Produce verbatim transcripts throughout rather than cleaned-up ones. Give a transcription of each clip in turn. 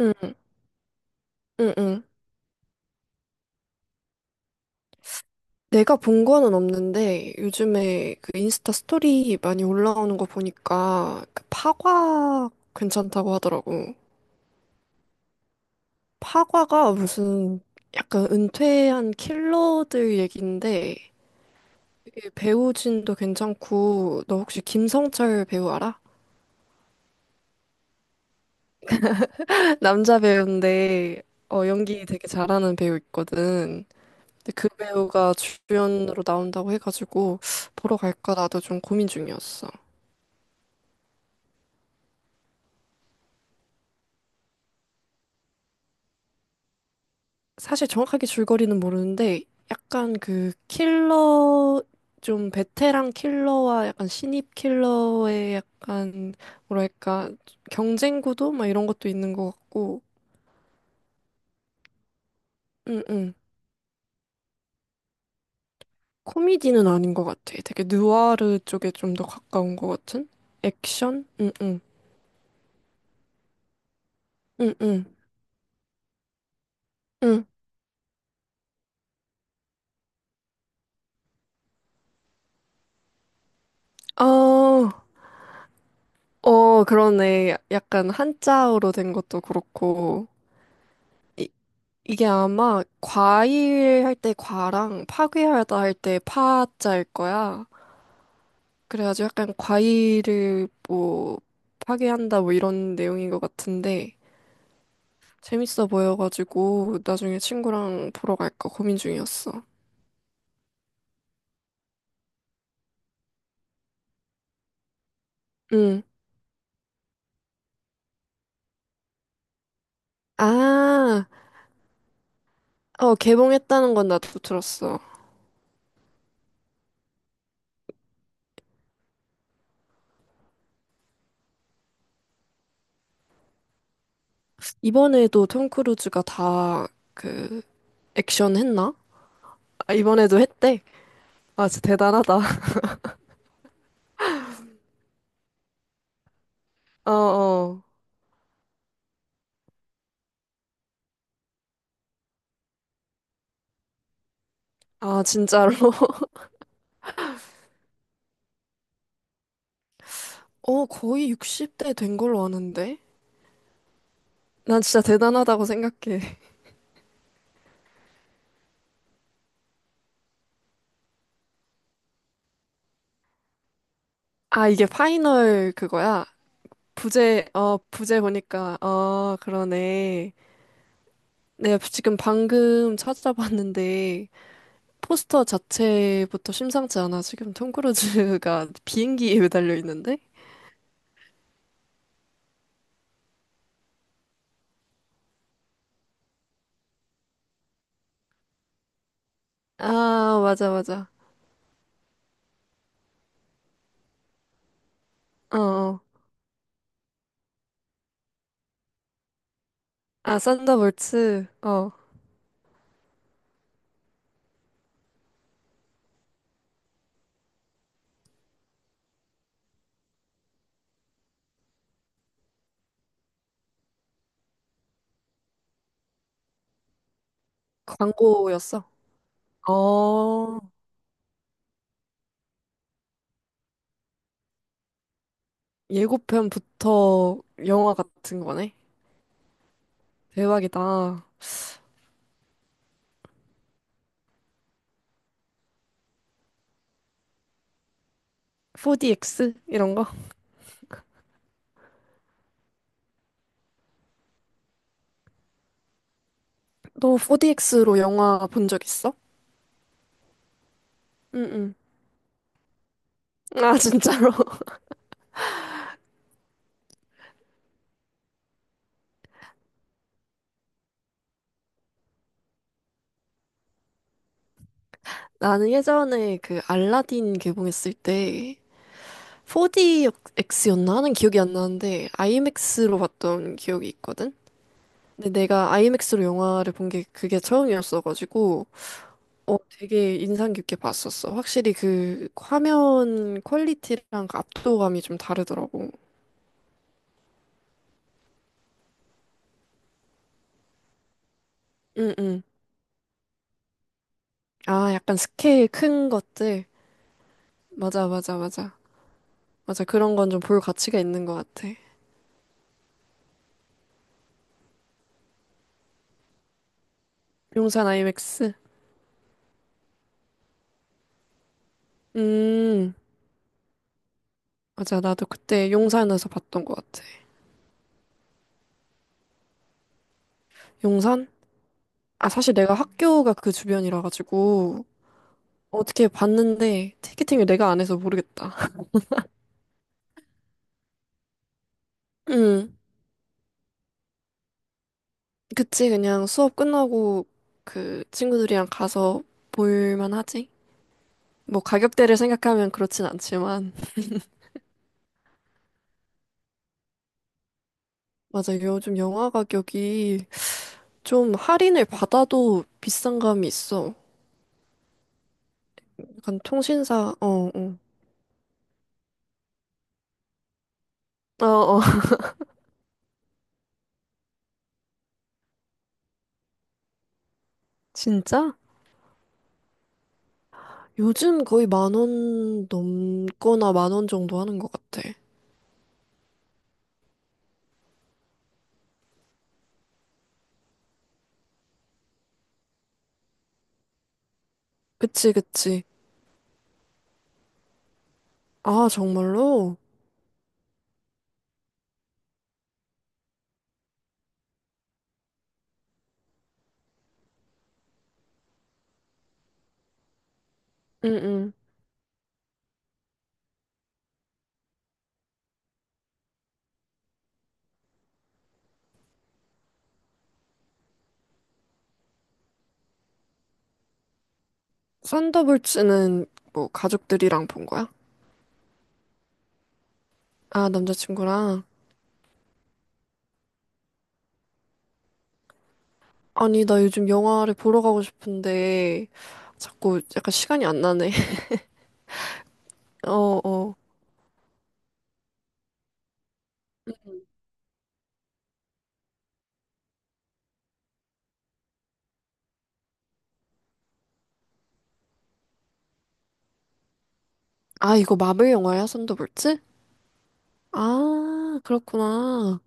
응, 응, 응. 내가 본 거는 없는데 요즘에 그 인스타 스토리 많이 올라오는 거 보니까 그 파과 괜찮다고 하더라고. 파과가 무슨 약간 은퇴한 킬러들 얘긴데 이게 배우진도 괜찮고 너 혹시 김성철 배우 알아? 남자 배우인데 어, 연기 되게 잘하는 배우 있거든. 근데 그 배우가 주연으로 나온다고 해가지고 보러 갈까 나도 좀 고민 중이었어. 사실 정확하게 줄거리는 모르는데 약간 그 킬러 좀 베테랑 킬러와 약간 신입 킬러의 약간 뭐랄까 경쟁 구도 막 이런 것도 있는 것 같고 응응. 코미디는 아닌 것 같아 되게 느와르 쪽에 좀 더 가까운 것 같은 액션. 응응 응응 응 어 어 그러네. 약간 한자어로 된 것도 그렇고 이, 이게 아마 과일 할 때 과랑 파괴하다 할 때 파자일 거야. 그래가지고 약간 과일을 뭐 파괴한다 뭐 이런 내용인 것 같은데 재밌어 보여가지고 나중에 친구랑 보러 갈까 고민 중이었어. 응. 아, 어, 개봉했다는 건 나도 들었어. 이번에도 톰 크루즈가 다 그 액션 했나? 아, 이번에도 했대. 아, 진짜 대단하다. 어어. 아, 진짜로? 어, 거의 육십 대 된 걸로 아는데? 난 진짜 대단하다고 생각해. 아, 이게 파이널 그거야? 부제, 어, 부제 보니까, 어, 그러네. 내가 지금 방금 찾아봤는데, 포스터 자체부터 심상치 않아. 지금 톰 크루즈가 비행기에 매달려 있는데? 아, 맞아, 맞아. 어, 어. 아, 썬더볼츠, 어, 광고였어. 어, 예고편부터 영화 같은 거네. 대박이다. 포디엑스 이런 거? 너 포디엑스로 영화 본 적 있어? 응응. 아 진짜로? 나는 예전에 그 알라딘 개봉했을 때 포디엑스였나 하는 기억이 안 나는데 아이맥스로 봤던 기억이 있거든. 근데 내가 아이맥스로 영화를 본 게 그게 처음이었어가지고 어 되게 인상 깊게 봤었어. 확실히 그 화면 퀄리티랑 그 압도감이 좀 다르더라고. 응응. 아 약간 스케일 큰 것들. 맞아 맞아 맞아. 맞아, 그런 건 좀 볼 가치가 있는 것 같아. 용산 아이맥스? 음, 맞아, 나도 그때 용산에서 봤던 것 같아. 용산? 아, 사실 내가 학교가 그 주변이라 가지고 어떻게 봤는데 티켓팅을 내가 안 해서 모르겠다. 음, 그치, 그냥 수업 끝나고 그 친구들이랑 가서 볼만 하지? 뭐 가격대를 생각하면 그렇진 않지만. 맞아, 요즘 영화 가격이 좀 할인을 받아도 비싼 감이 있어. 약간 통신사, 어, 어. 어, 어, 진짜? 요즘 거의 만 원 넘거나 만 원 정도 하는 것 같아. 그치, 그치. 아, 정말로? 응, 응. 썬더볼츠는 뭐 가족들이랑 본 거야? 아, 남자친구랑? 아니, 나 요즘 영화를 보러 가고 싶은데 자꾸 약간 시간이 안 나네. 어, 어. 아, 이거 마블 영화야, 썬더볼츠? 아, 그렇구나.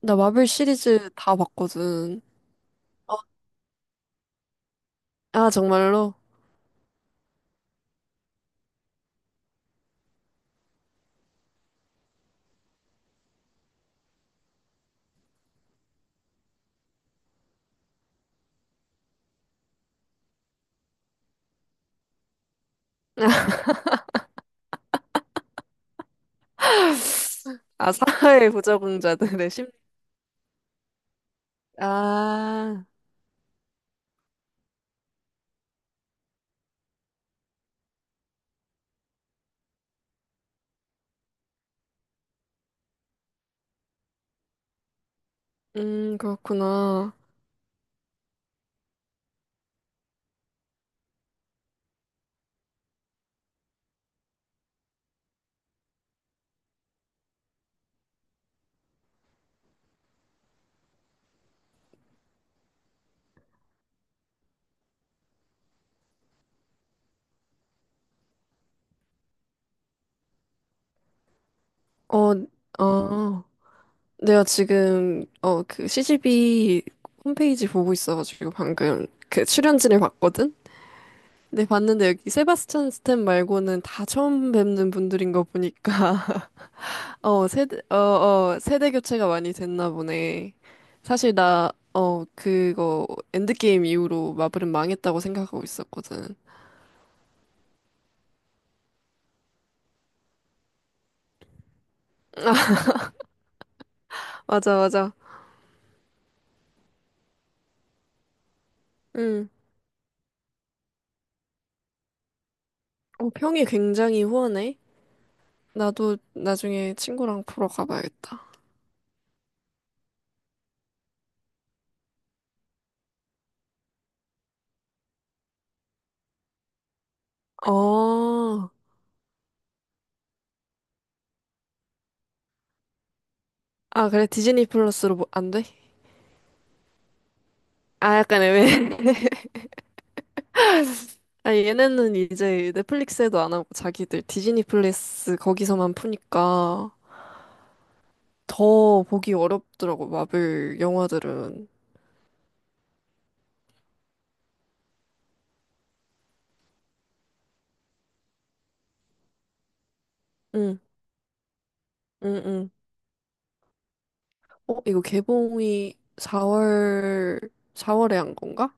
나 마블 시리즈 다 봤거든. 어, 아, 정말로? 아, 사회 부적응자들의 심리. 아, 음, 그렇구나. 어, 어, 내가 지금, 어, 그 씨 지 비 홈페이지 보고 있어가지고 방금 그 출연진을 봤거든? 근데 봤는데 여기 세바스찬 스탠 말고는 다 처음 뵙는 분들인 거 보니까, 어, 세대, 어, 어, 세대 교체가 많이 됐나 보네. 사실 나, 어, 그거 엔드게임 이후로 마블은 망했다고 생각하고 있었거든. 맞아, 맞아. 음. 어, 평이 굉장히 후원해? 나도 나중에 친구랑 보러 가봐야겠다. 어, 아, 그래, 디즈니 플러스로 뭐, 안 돼? 아, 약간 애매해. 아, 얘네는 이제 넷플릭스에도 안 하고 자기들 디즈니 플러스 거기서만 푸니까 더 보기 어렵더라고, 마블 영화들은. 응, 응, 응. 어, 이거 개봉이 사월, 사월에 한 건가?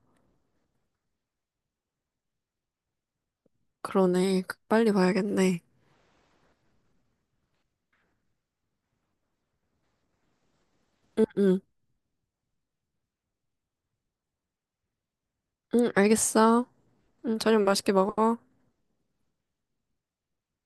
그러네. 빨리 봐야겠네. 응, 응, 응, 알겠어. 응, 저녁 맛있게 먹어.